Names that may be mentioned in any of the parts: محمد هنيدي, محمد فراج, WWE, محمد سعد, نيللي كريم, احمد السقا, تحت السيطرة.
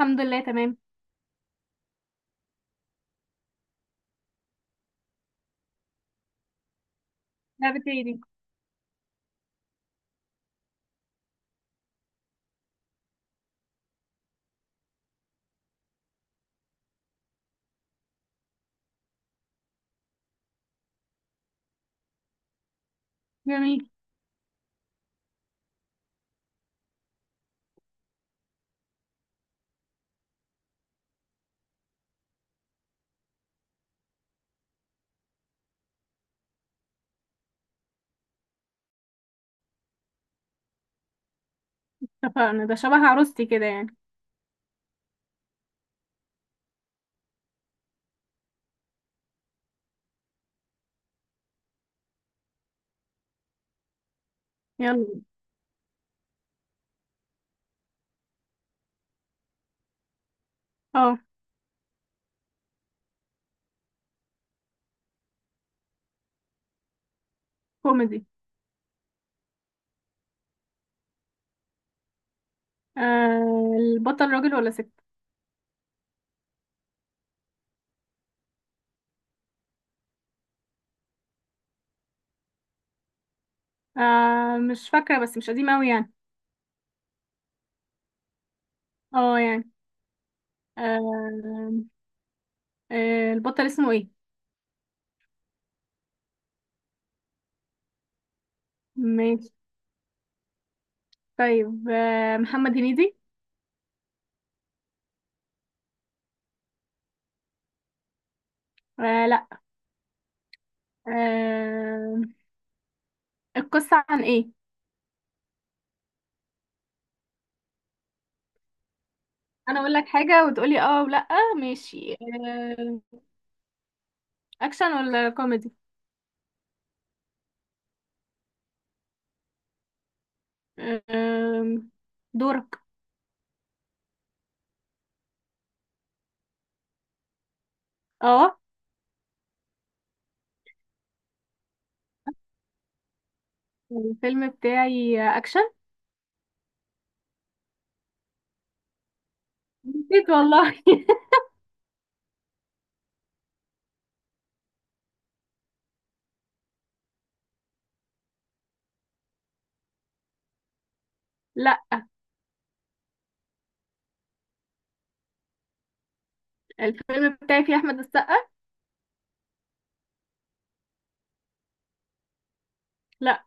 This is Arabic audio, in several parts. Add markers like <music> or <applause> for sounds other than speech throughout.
الحمد لله، تمام. لعبة ايه دي؟ جميل. اتفقنا، ده شبه عروستي كده يعني. يلا. اه. كوميدي. البطل راجل ولا ست؟ مش فاكرة، بس مش قديم اوي يعني. اه يعني. آه. البطل اسمه ايه؟ ماشي. طيب، محمد هنيدي. آه، لا. آه. القصة عن ايه؟ انا اقول لك حاجة وتقولي اه ولا؟ ماشي. آه. اكشن ولا كوميدي؟ آه. دورك. اه. الفيلم بتاعي اكشن. نسيت والله <laughs> لا. الفيلم بتاعي فيه احمد السقا. لا.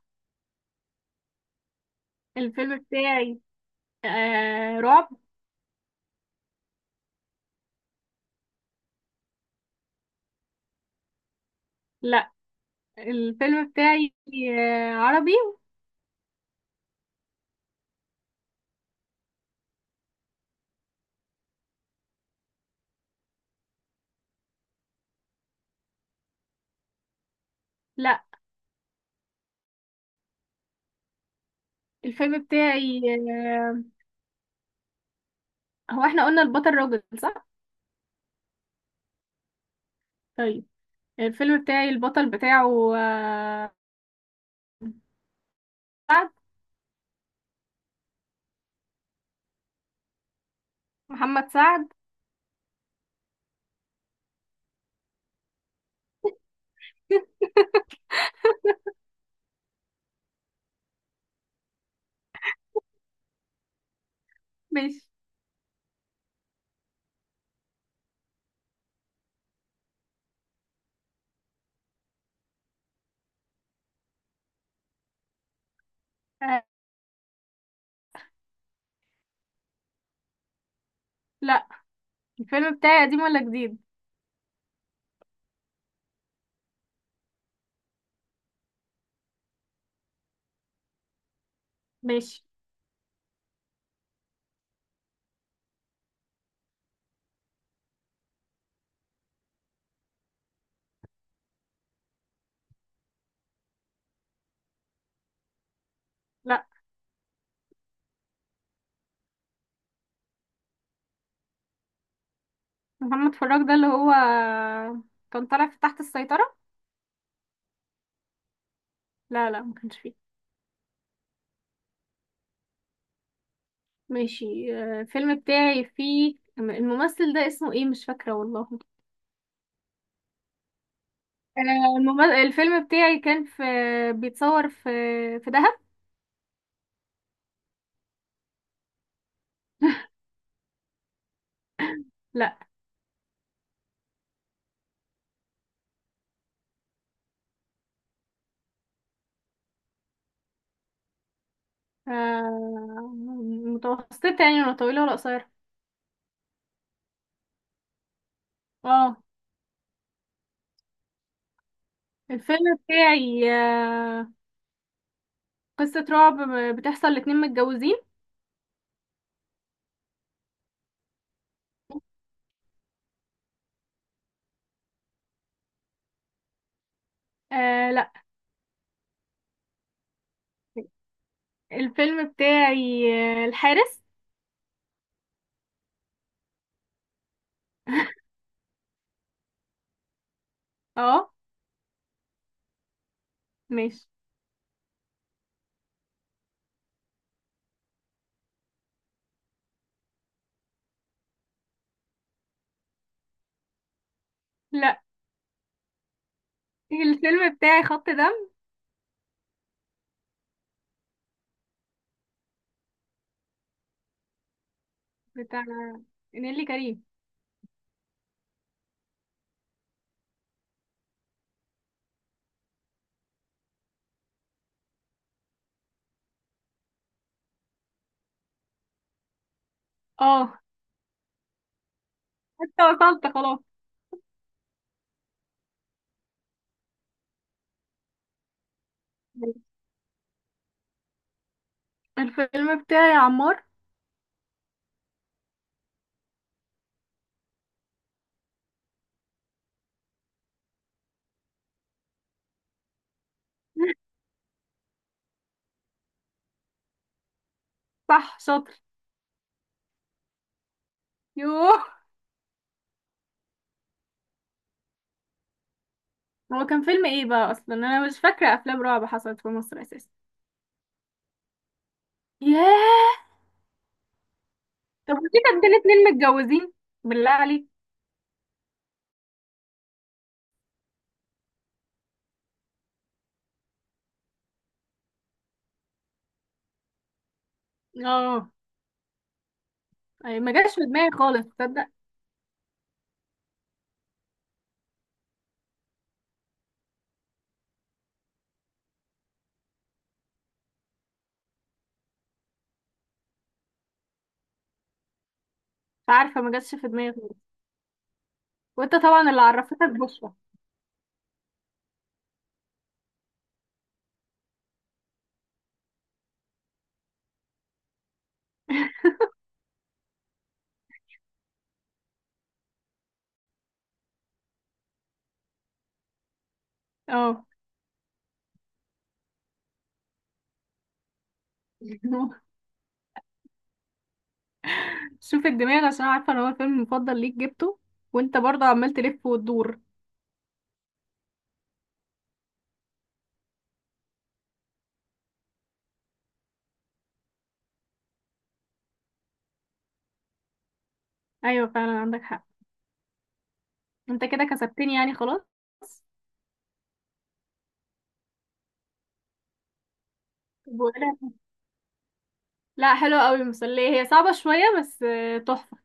الفيلم بتاعي رعب. لا. الفيلم بتاعي عربي. لا. الفيلم بتاعي آه. هو احنا قلنا البطل راجل، صح؟ طيب، الفيلم بتاعي البطل بتاعه سعد. محمد سعد. ماشي. آه، لا. الفيلم بتاعي قديم ولا جديد؟ ماشي. لا، محمد فراج ده اللي هو كان طالع في تحت السيطرة. لا لا، ما كانش فيه. ماشي. الفيلم بتاعي فيه الممثل ده اسمه ايه، مش فاكرة والله. الفيلم بتاعي كان في بيتصور في دهب. لا. آه، متوسطة يعني، ولا طويلة ولا قصيرة؟ اه. الفيلم بتاعي قصة رعب بتحصل لاتنين متجوزين. آه، لا. الفيلم بتاعي الحارس <laughs> اه. ماشي. لا. الفيلم بتاعي خط دم، بتاع نيللي كريم. اه. انت وصلت خلاص؟ الفيلم بتاعي عمار <laughs> صح، شاطر. يوه. هو كان فيلم ايه بقى؟ اصلا انا مش فاكره افلام رعب حصلت في مصر اساسا. ياه. طب، ودي كانت بين اتنين متجوزين، بالله عليك. اه. أي، ما جاش في دماغي خالص، تصدق؟ مش عارفه، ما جاتش في دماغي خالص. وانت طبعا اللي عرفتك بشرى. اه <laughs> شوف الدماغ، عشان عارفه ان هو الفيلم المفضل ليك جبته. وانت برضه عمال تلف وتدور. ايوه فعلا، عندك حق. انت كده كسبتني يعني خلاص. طب وإيه؟ لا، حلوة قوي، المسلية، هي صعبة شوية بس تحفة.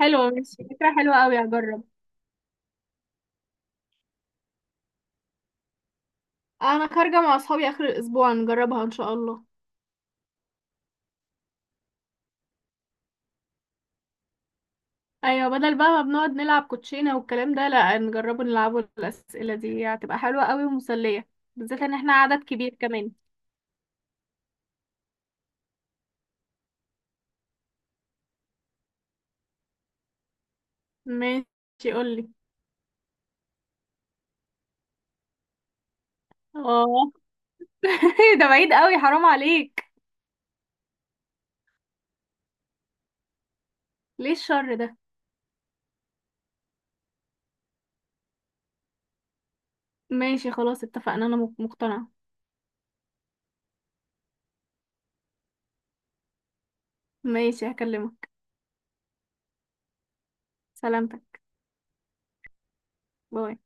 حلوة، ماشي، فكرة حلوة قوي، هجرب. انا خارجة مع اصحابي اخر الاسبوع، نجربها ان شاء الله. ايوه، بدل بقى ما بنقعد نلعب كوتشينة والكلام ده، لا، نجربوا نلعبوا الاسئلة دي، هتبقى حلوة قوي ومسلية. بالذات ان احنا عدد كبير كمان. ماشي، قولي. اه <laughs> ده بعيد قوي، حرام عليك. ليه الشر ده؟ ماشي، خلاص، اتفقنا، انا مقتنعة. ماشي، هكلمك. سلامتك. باي.